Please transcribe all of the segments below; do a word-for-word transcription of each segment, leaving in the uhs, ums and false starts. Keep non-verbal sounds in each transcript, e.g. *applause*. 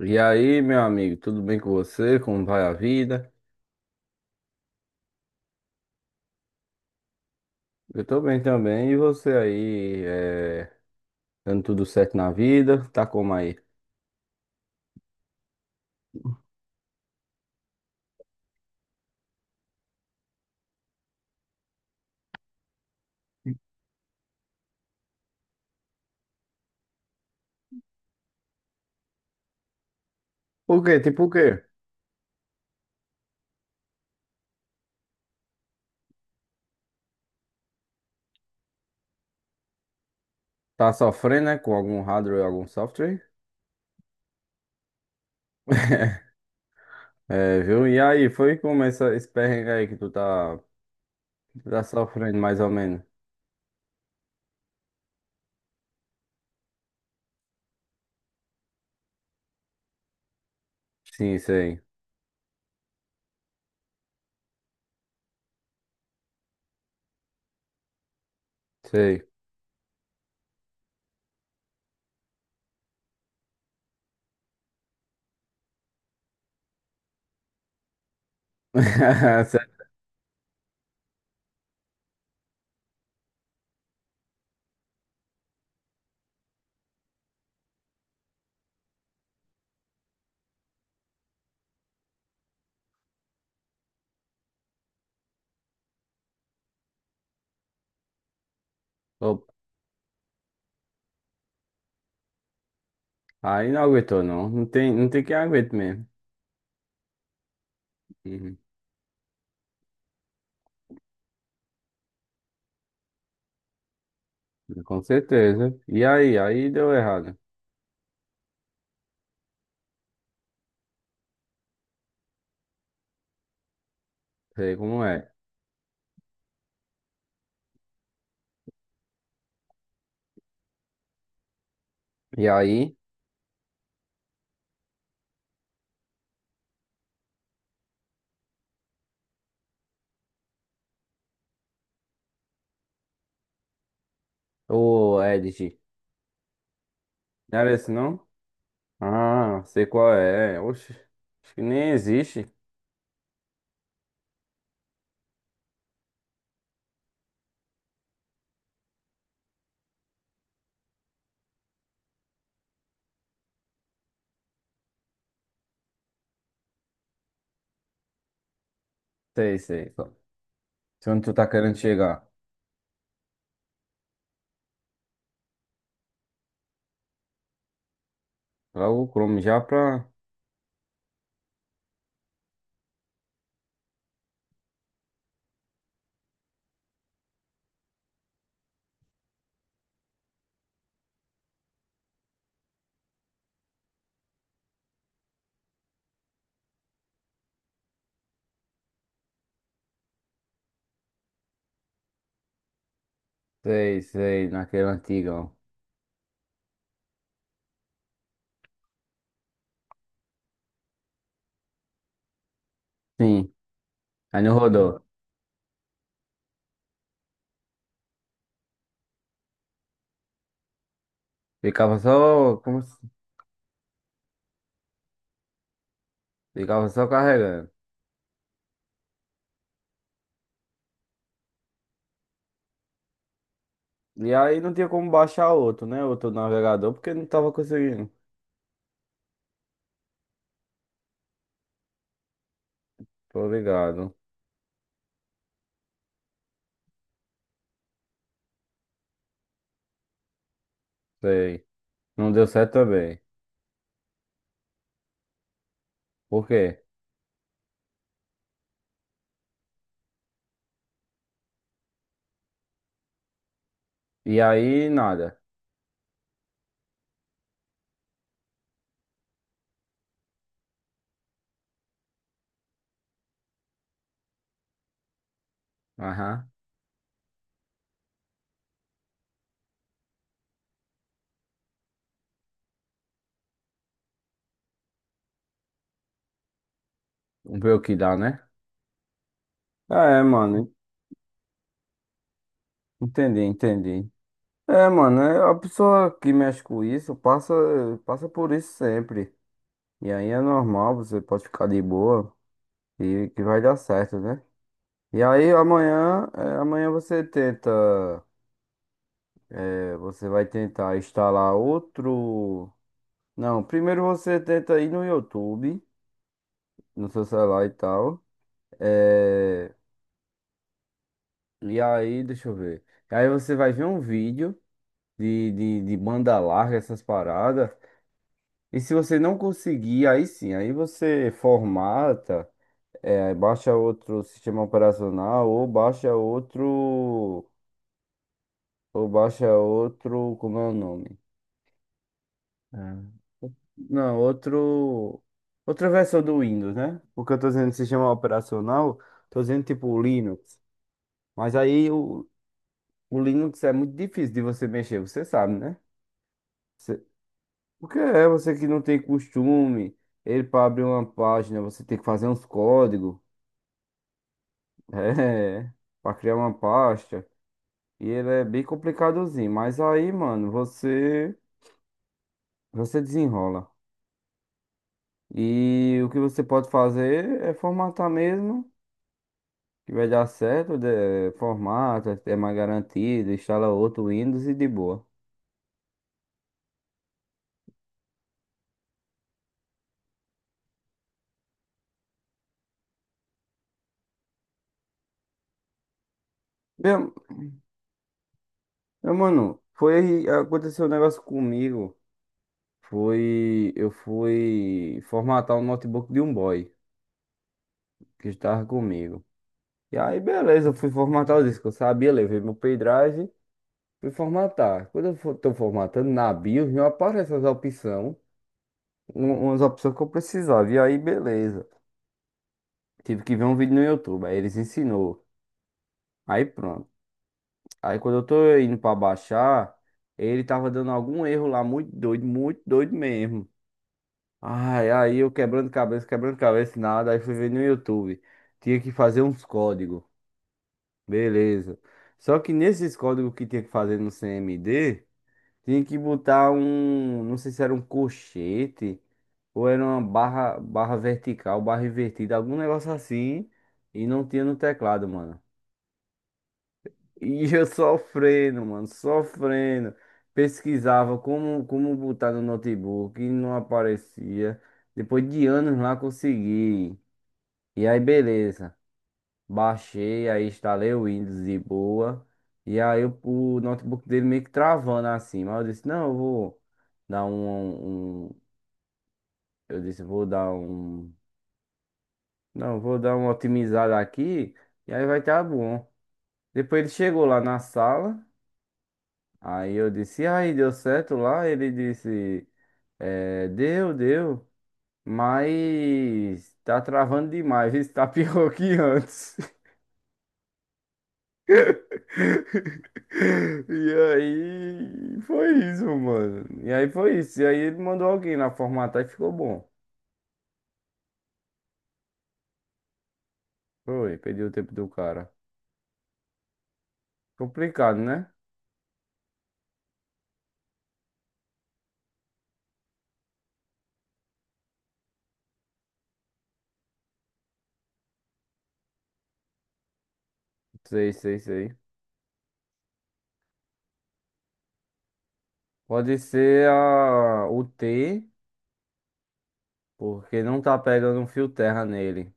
E aí, meu amigo, tudo bem com você? Como vai a vida? Eu tô bem também. E você aí, é, dando tudo certo na vida? Tá como aí? Por quê? Tipo o quê? Tá sofrendo, né? Com algum hardware ou algum software? É, viu? E aí, foi como essa, esse perrengue aí que tu tá, tá sofrendo, mais ou menos? Sim, sei, sei. *laughs* Certo. Opa. Aí não aguentou, não. Não tem, não tem quem aguente mesmo. Uhum. Com certeza. E aí, aí deu errado. Sei como é. E aí? Ô, Edith. Não era esse, não? Ah, sei qual é. Oxe, acho que nem existe. Sei, sei. qual- Se onde tu tá querendo chegar? Lá o Chrome já pra... Sei, sei, naquele antigão. Sim, aí não rodou. Ficava só, como, se- ficava só carregando. E aí não tinha como baixar outro, né? Outro navegador, porque não tava conseguindo. Tô ligado. Sei. Não deu certo também. Por quê? E aí, nada. Aham. Vamos ver o que dá, né? É, mano. Entendi, entendi. É, mano, é a pessoa que mexe com isso passa, passa por isso sempre. E aí é normal, você pode ficar de boa e que vai dar certo, né? E aí amanhã, é, amanhã você tenta, é, você vai tentar instalar outro. Não, primeiro você tenta ir no YouTube, no seu celular e tal. É, E aí, deixa eu ver. Aí você vai ver um vídeo de, de, de banda larga, essas paradas. E se você não conseguir, aí sim, aí você formata, eh, baixa outro sistema operacional ou baixa outro, ou baixa outro, como é o nome? Ah, não, outro, outra versão do Windows, né? Porque eu tô dizendo sistema operacional, tô dizendo tipo o Linux. Mas aí o, o Linux é muito difícil de você mexer, você sabe, né? Você, Porque é você que não tem costume, ele para abrir uma página, você tem que fazer uns códigos. É, pra criar uma pasta. E ele é bem complicadozinho. Mas aí, mano, você, você desenrola. E o que você pode fazer é formatar mesmo, que vai dar certo. De, formata, é mais garantido, instala outro Windows e de boa. Meu, meu mano, foi, aconteceu um negócio comigo. Foi, eu fui formatar o notebook de um boy que estava comigo. E aí, beleza, eu fui formatar o disco. Eu sabia, levei meu pendrive. Fui formatar. Quando eu estou formatando na BIOS, não aparece as opções, um- umas opções que eu precisava. E aí, beleza. Tive que ver um vídeo no YouTube, aí eles ensinou. Aí pronto. Aí quando eu tô indo pra baixar, ele tava dando algum erro lá, muito doido, muito doido mesmo. Ai, aí eu quebrando cabeça, quebrando cabeça, nada. Aí fui ver no YouTube. Tinha que fazer uns códigos. Beleza. Só que nesses códigos que tinha que fazer no C M D, tinha que botar um, não sei se era um colchete ou era uma barra, barra vertical, barra invertida, algum negócio assim, e não tinha no teclado, mano. E eu *laughs* sofrendo, mano, sofrendo. Pesquisava como, como botar no notebook e não aparecia. Depois de anos lá consegui. E aí, beleza. Baixei, aí instalei o Windows de boa. E aí o, o notebook dele meio que travando assim. Mas eu disse, não, eu vou dar um, um- Eu disse, vou dar um. Não, vou dar uma otimizada aqui. E aí vai estar bom. Depois ele chegou lá na sala. Aí eu disse, e aí deu certo lá? Ele disse, é, deu, deu. Mas tá travando demais. Isso tá *laughs* pior que antes. *laughs* E aí foi isso, mano. E aí foi isso. E aí ele mandou alguém lá formatar e ficou bom. Foi, perdeu o tempo do cara. Complicado, né? Sei, sei, sei. Pode ser a... o T, porque não tá pegando um fio terra nele.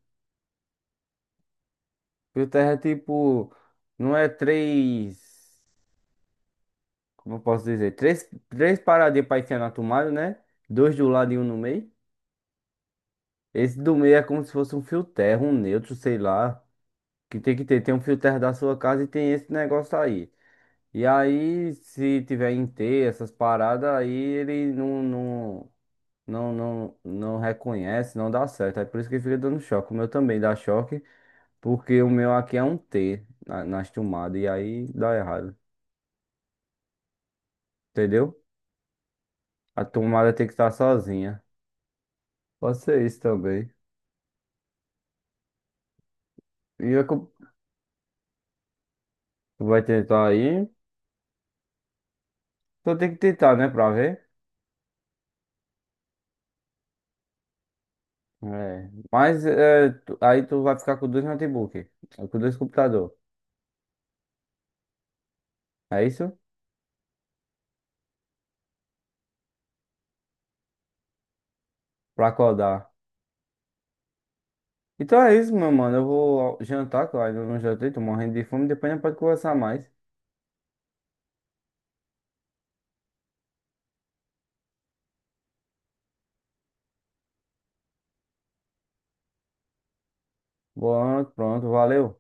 Fio terra é tipo, não é três, como eu posso dizer? Três, três paradinhas pra enfiar na tomada, né? Dois de um lado e um no meio. Esse do meio é como se fosse um fio terra, um neutro, sei lá. Que tem que ter, tem um filtro da sua casa e tem esse negócio aí. E aí, se tiver em T, essas paradas, aí ele não, não, não, não, não reconhece, não dá certo. É por isso que ele fica dando choque. O meu também dá choque, porque o meu aqui é um T na, nas tomadas, e aí dá errado. Entendeu? A tomada tem que estar sozinha. Pode ser isso também. E é que tu vai tentar aí, só tem que tentar, né, pra ver. É. Mas é, tu- aí tu vai ficar com dois notebooks, com dois computadores. É isso? Pra acordar. Então é isso, meu mano. Eu vou jantar, que eu ainda não jantei, tô morrendo de fome. Depois a gente pode conversar mais. Bom, pronto, valeu.